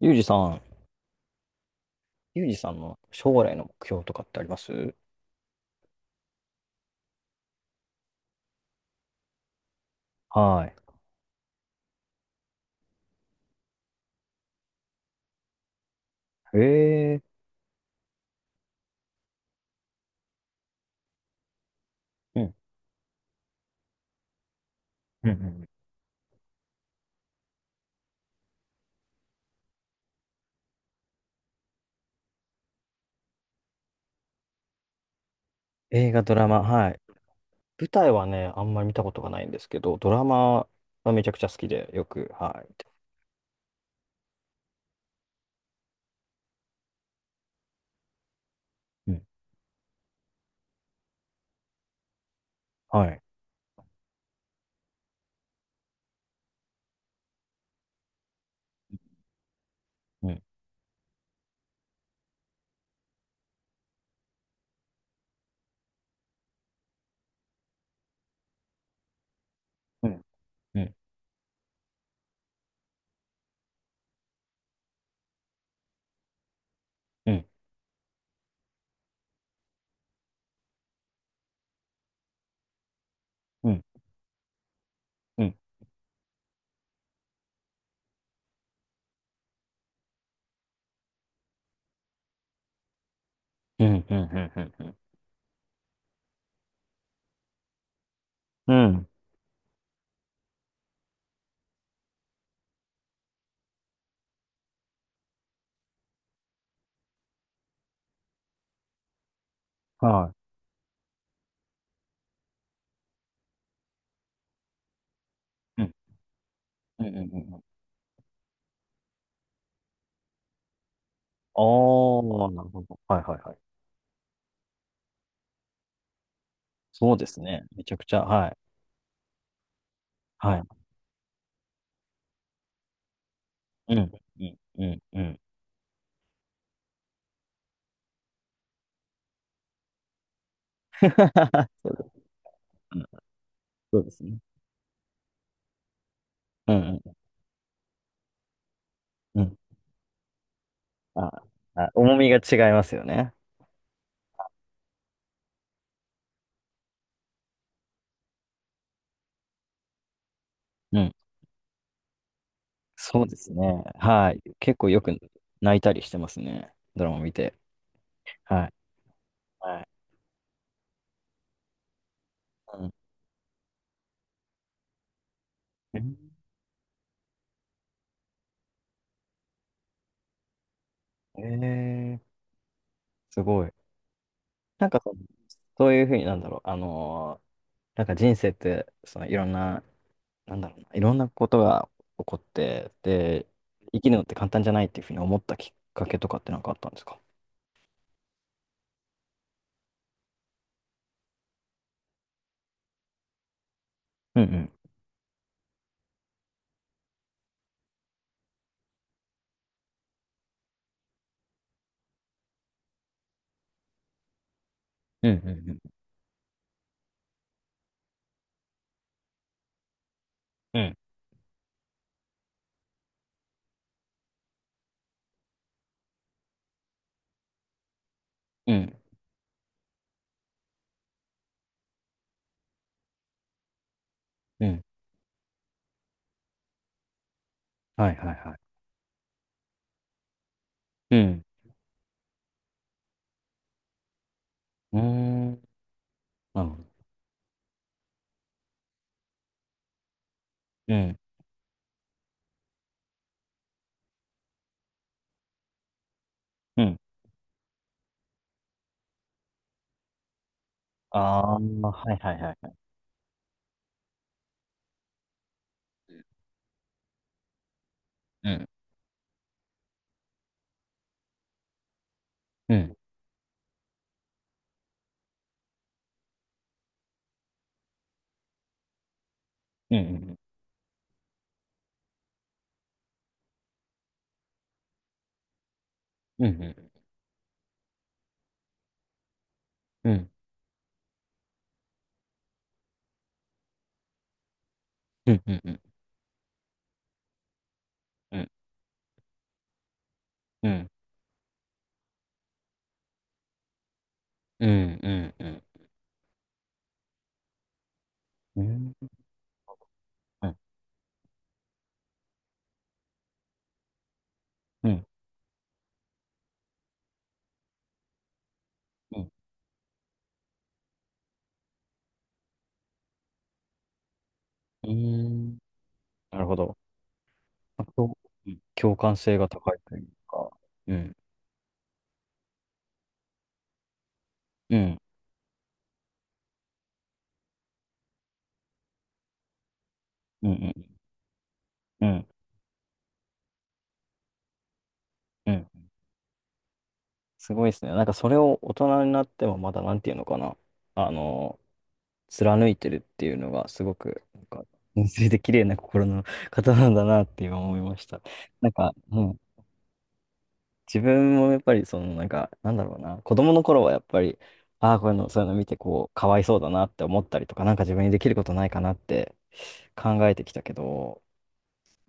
ゆうじさん。ゆうじさんの将来の目標とかってあります？はい。えうん。ー。うんうんうん。映画、ドラマ、はい。舞台はね、あんまり見たことがないんですけど、ドラマはめちゃくちゃ好きで、よく、はい。うん。はい。うん、うん、うん、うん、うん、うん、うん、うん、うん、うん、うん、うん。はい。うん、うん、うん、うん。ああー、なるほど。はい、はい、はい。そうですね。めちゃくちゃ、はい。はい。うん、うん、うん、うん。うん。そうですね。うん、うん、うん。あ、あ重みが違いますよね。うん。そうですね。はい。結構よく泣いたりしてますね。ドラマ見て。はい。はい。うん。えー、すごい。なんかその、そういうふうになんだろう。なんか人生って、そのいろんな、なんだろうな、いろんなことが起こって、で、生きるのって簡単じゃないっていうふうに思ったきっかけとかってなんかあったんですか？うんうん。うんうんうん。うんうんうん。はいはいはい。うん。うーん。なるほど。うんうん。ああ、はいはいはいはい。うん。うん。うん。うん。うん。うん。うん。うん。うん。うん。うん。うん。うん。うん。うん。うん。なるほど。共共感性が高いというか。うん。うん。うん。うん。うん。すごいですね。なんかそれを大人になってもまだなんていうのかな。あの、貫いてるっていうのがすごく、なんか、純粋で綺麗な心の方なんだなって今思いました。なんか、うん。自分もやっぱりそのなんか、なんだろうな、子供の頃はやっぱり、ああ、こういうの、そういうの見てこう、かわいそうだなって思ったりとか、なんか自分にできることないかなって考えてきたけど、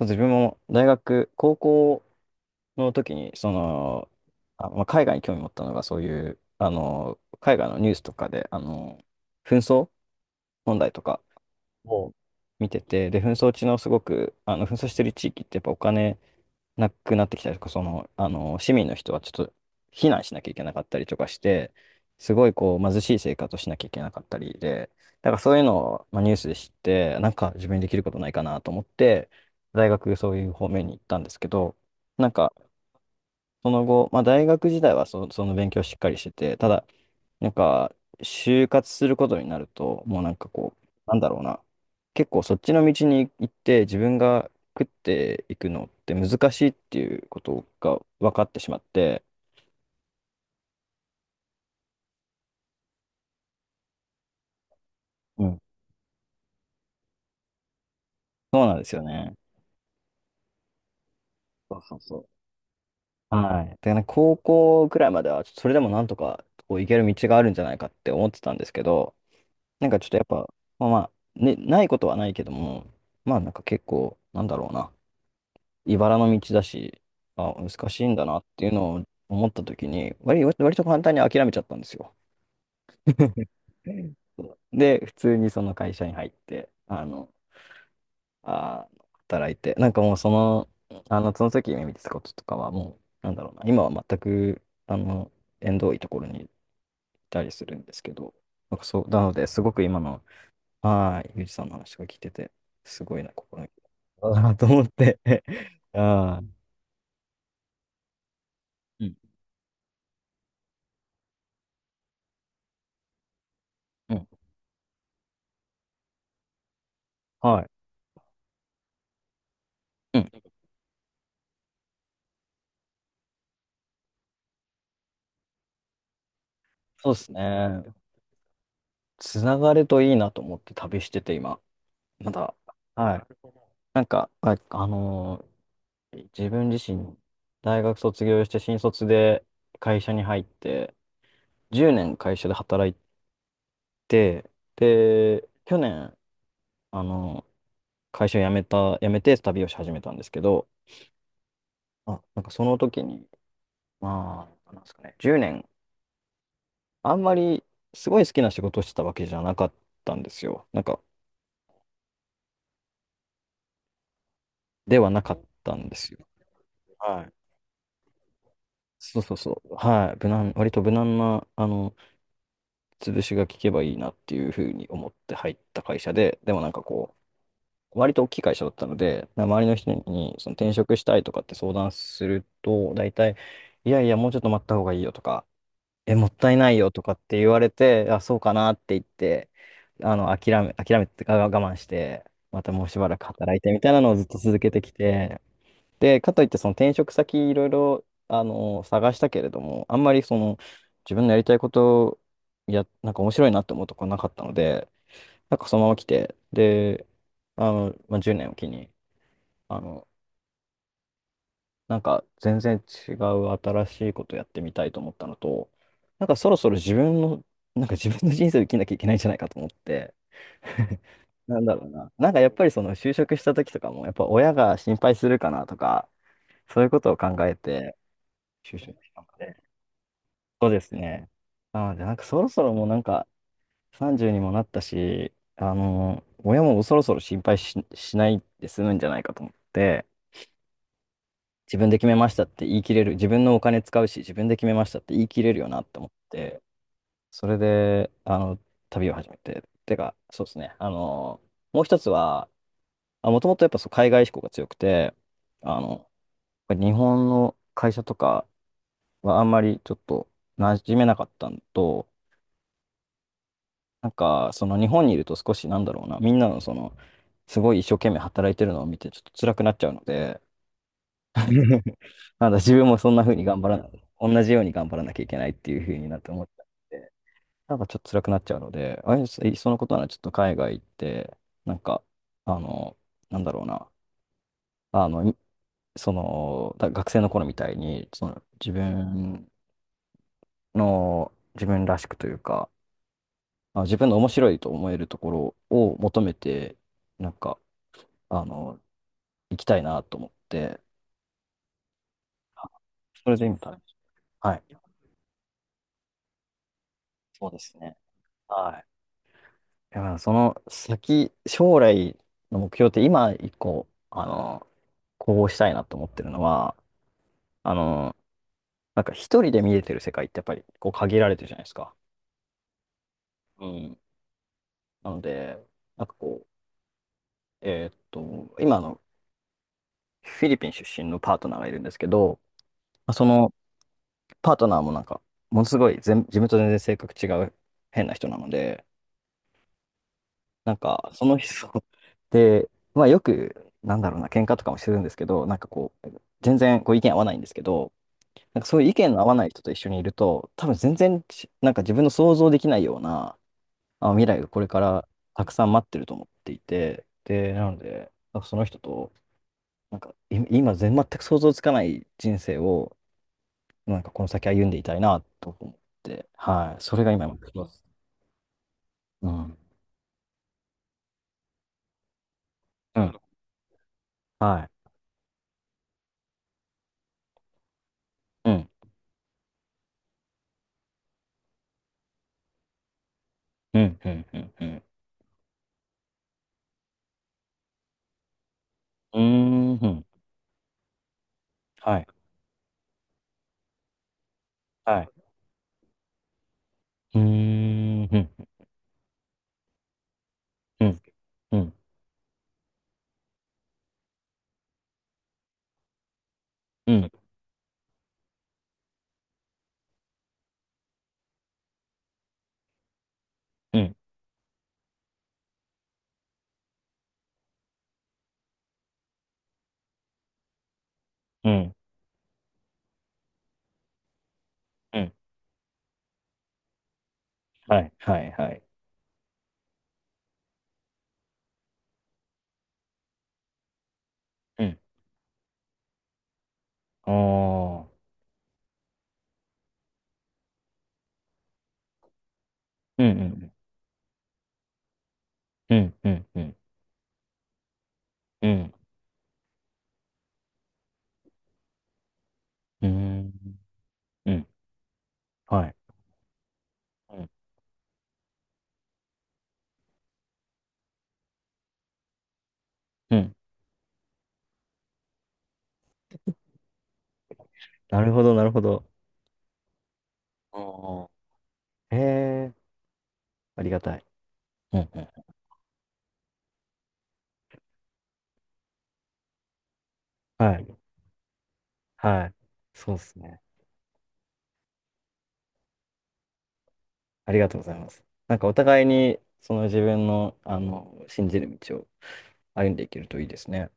自分も大学、高校の時に、その、あ、まあ、海外に興味持ったのが、そういう、あの、海外のニュースとかで、あの、紛争問題とかを見てて、で、紛争地のすごく、あの、紛争してる地域ってやっぱお金、なくなってきたりとか、その、あの、市民の人はちょっと避難しなきゃいけなかったりとかして、すごいこう貧しい生活をしなきゃいけなかったりで、だからそういうのを、まあ、ニュースで知って、なんか自分にできることないかなと思って、大学そういう方面に行ったんですけど、なんかその後、まあ、大学時代はその勉強をしっかりしてて、ただなんか、就活することになると、もうなんかこう、なんだろうな。結構そっちの道に行って自分が食っていくのって難しいっていうことが分かってしまって、うん。そうなんですよね。そうそうそう。はい。で、ね、高校くらいまでは、ちょっとそれでもなんとかこう行ける道があるんじゃないかって思ってたんですけど、なんかちょっとやっぱ、まあまあ、ね、ないことはないけども、まあなんか結構、なんだろうな。茨の道だし、あ、難しいんだなっていうのを思った時に、割と簡単に諦めちゃったんですよ。うん。で、普通にその会社に入って、あの、あー、働いて、なんかもうその、あの、その時夢見てたこととかはもう、なんだろうな、今は全く、あの、縁遠いところにいたりするんですけど、なんかそう、なので、すごく今の、はい、ゆうじさんの話が聞いてて、すごいな、心に。だなと思って、ああ、うん、うん、はい。うん。そうですね。つながるといいなと思って旅してて、今。まだ。はい。なんか、あ、自分自身、大学卒業して新卒で会社に入って、10年会社で働いて、で、去年、あの、会社辞めた、辞めて旅をし始めたんですけど、あ、なんかその時に、まあ、なんですかね、10年、あんまりすごい好きな仕事をしてたわけじゃなかったんですよ。なんか、ではなかったんですよ。はい。そうそうそう。はい。無難、割と無難な、あの、潰しが効けばいいなっていうふうに思って入った会社で、でもなんかこう、割と大きい会社だったので、な周りの人にその転職したいとかって相談すると、大体、いやいや、もうちょっと待った方がいいよとか、え、もったいないよとかって言われて、あ、そうかなって言って、あの、諦めて、あ我慢して、またもうしばらく働いてみたいなのをずっと続けてきて、で、かといってその転職先いろいろ、あの、探したけれども、あんまりその自分のやりたいことや、なんか面白いなって思うとこなかったので、なんかそのまま来て、で、あの、まあ、10年を機に、あの、なんか全然違う新しいことやってみたいと思ったのと、なんかそろそろ自分の、なんか自分の人生を生きなきゃいけないんじゃないかと思って、なんだろうな。なんかやっぱりその就職した時とかも、やっぱ親が心配するかなとか、そういうことを考えて、就職したので。そうですね。なので、なんかそろそろもうなんか30にもなったし、あの、親もそろそろ心配し、しないで済むんじゃないかと思って、自分で決めましたって言い切れる、自分のお金使うし、自分で決めましたって言い切れるよなって思って、それで、あの、旅を始めて、てか、そうですね、あの、もう一つは、あ、もともとやっぱそう海外志向が強くて、あの、日本の会社とかはあんまりちょっと馴染めなかったのと、なんか、その日本にいると少しなんだろうな、みんなのその、すごい一生懸命働いてるのを見てちょっと辛くなっちゃうので、なんだ自分もそんな風に頑張らな、同じように頑張らなきゃいけないっていう風になって思っちゃって、なんかちょっと辛くなっちゃうので、あいそいっそのことならちょっと海外行って、なんか、あの、なんだろうな、あの、いその、だ学生の頃みたいに、その自分の、自分らしくというか、あ自分の面白いと思えるところを求めて、なんか、あの、行きたいなと思って、あそれで今食べました。はい。そうですね。はい。だからその先、将来の目標って今一個、あの、こうしたいなと思ってるのは、あの、なんか一人で見れてる世界ってやっぱりこう限られてるじゃないですか。うん。なので、なんかこう、今あのフィリピン出身のパートナーがいるんですけど、まあそのパートナーもなんか、ものすごい全自分と全然性格違う変な人なので、なんか、その人 で、まあよく、なんだろうな、喧嘩とかもするんですけど、なんかこう、全然こう意見合わないんですけど、なんかそういう意見の合わない人と一緒にいると、多分全然ち、なんか自分の想像できないような、あ、未来がこれからたくさん待ってると思っていて、で、なので、なんかその人と、なんかい今全く想像つかない人生を、なんかこの先歩んでいたいなと思って、はい、それが今の目標です。うん。うん。はい。うん。うん。うん。うん。うん。うーん。はい。はい。うーん。うん。うん。うん。うん。うん。うん。うん。はい。はい。はい。うん。ああ。うん。うん。うん。うん。うん。うん。うん。うん。はい。うん。うん。なるほど、なるほど。ああ。へえ。ありがたい。うん。うん。はい。はい。そうですね。ありがとうございます。なんかお互いに、その自分の、あの、信じる道を歩んでいけるといいですね。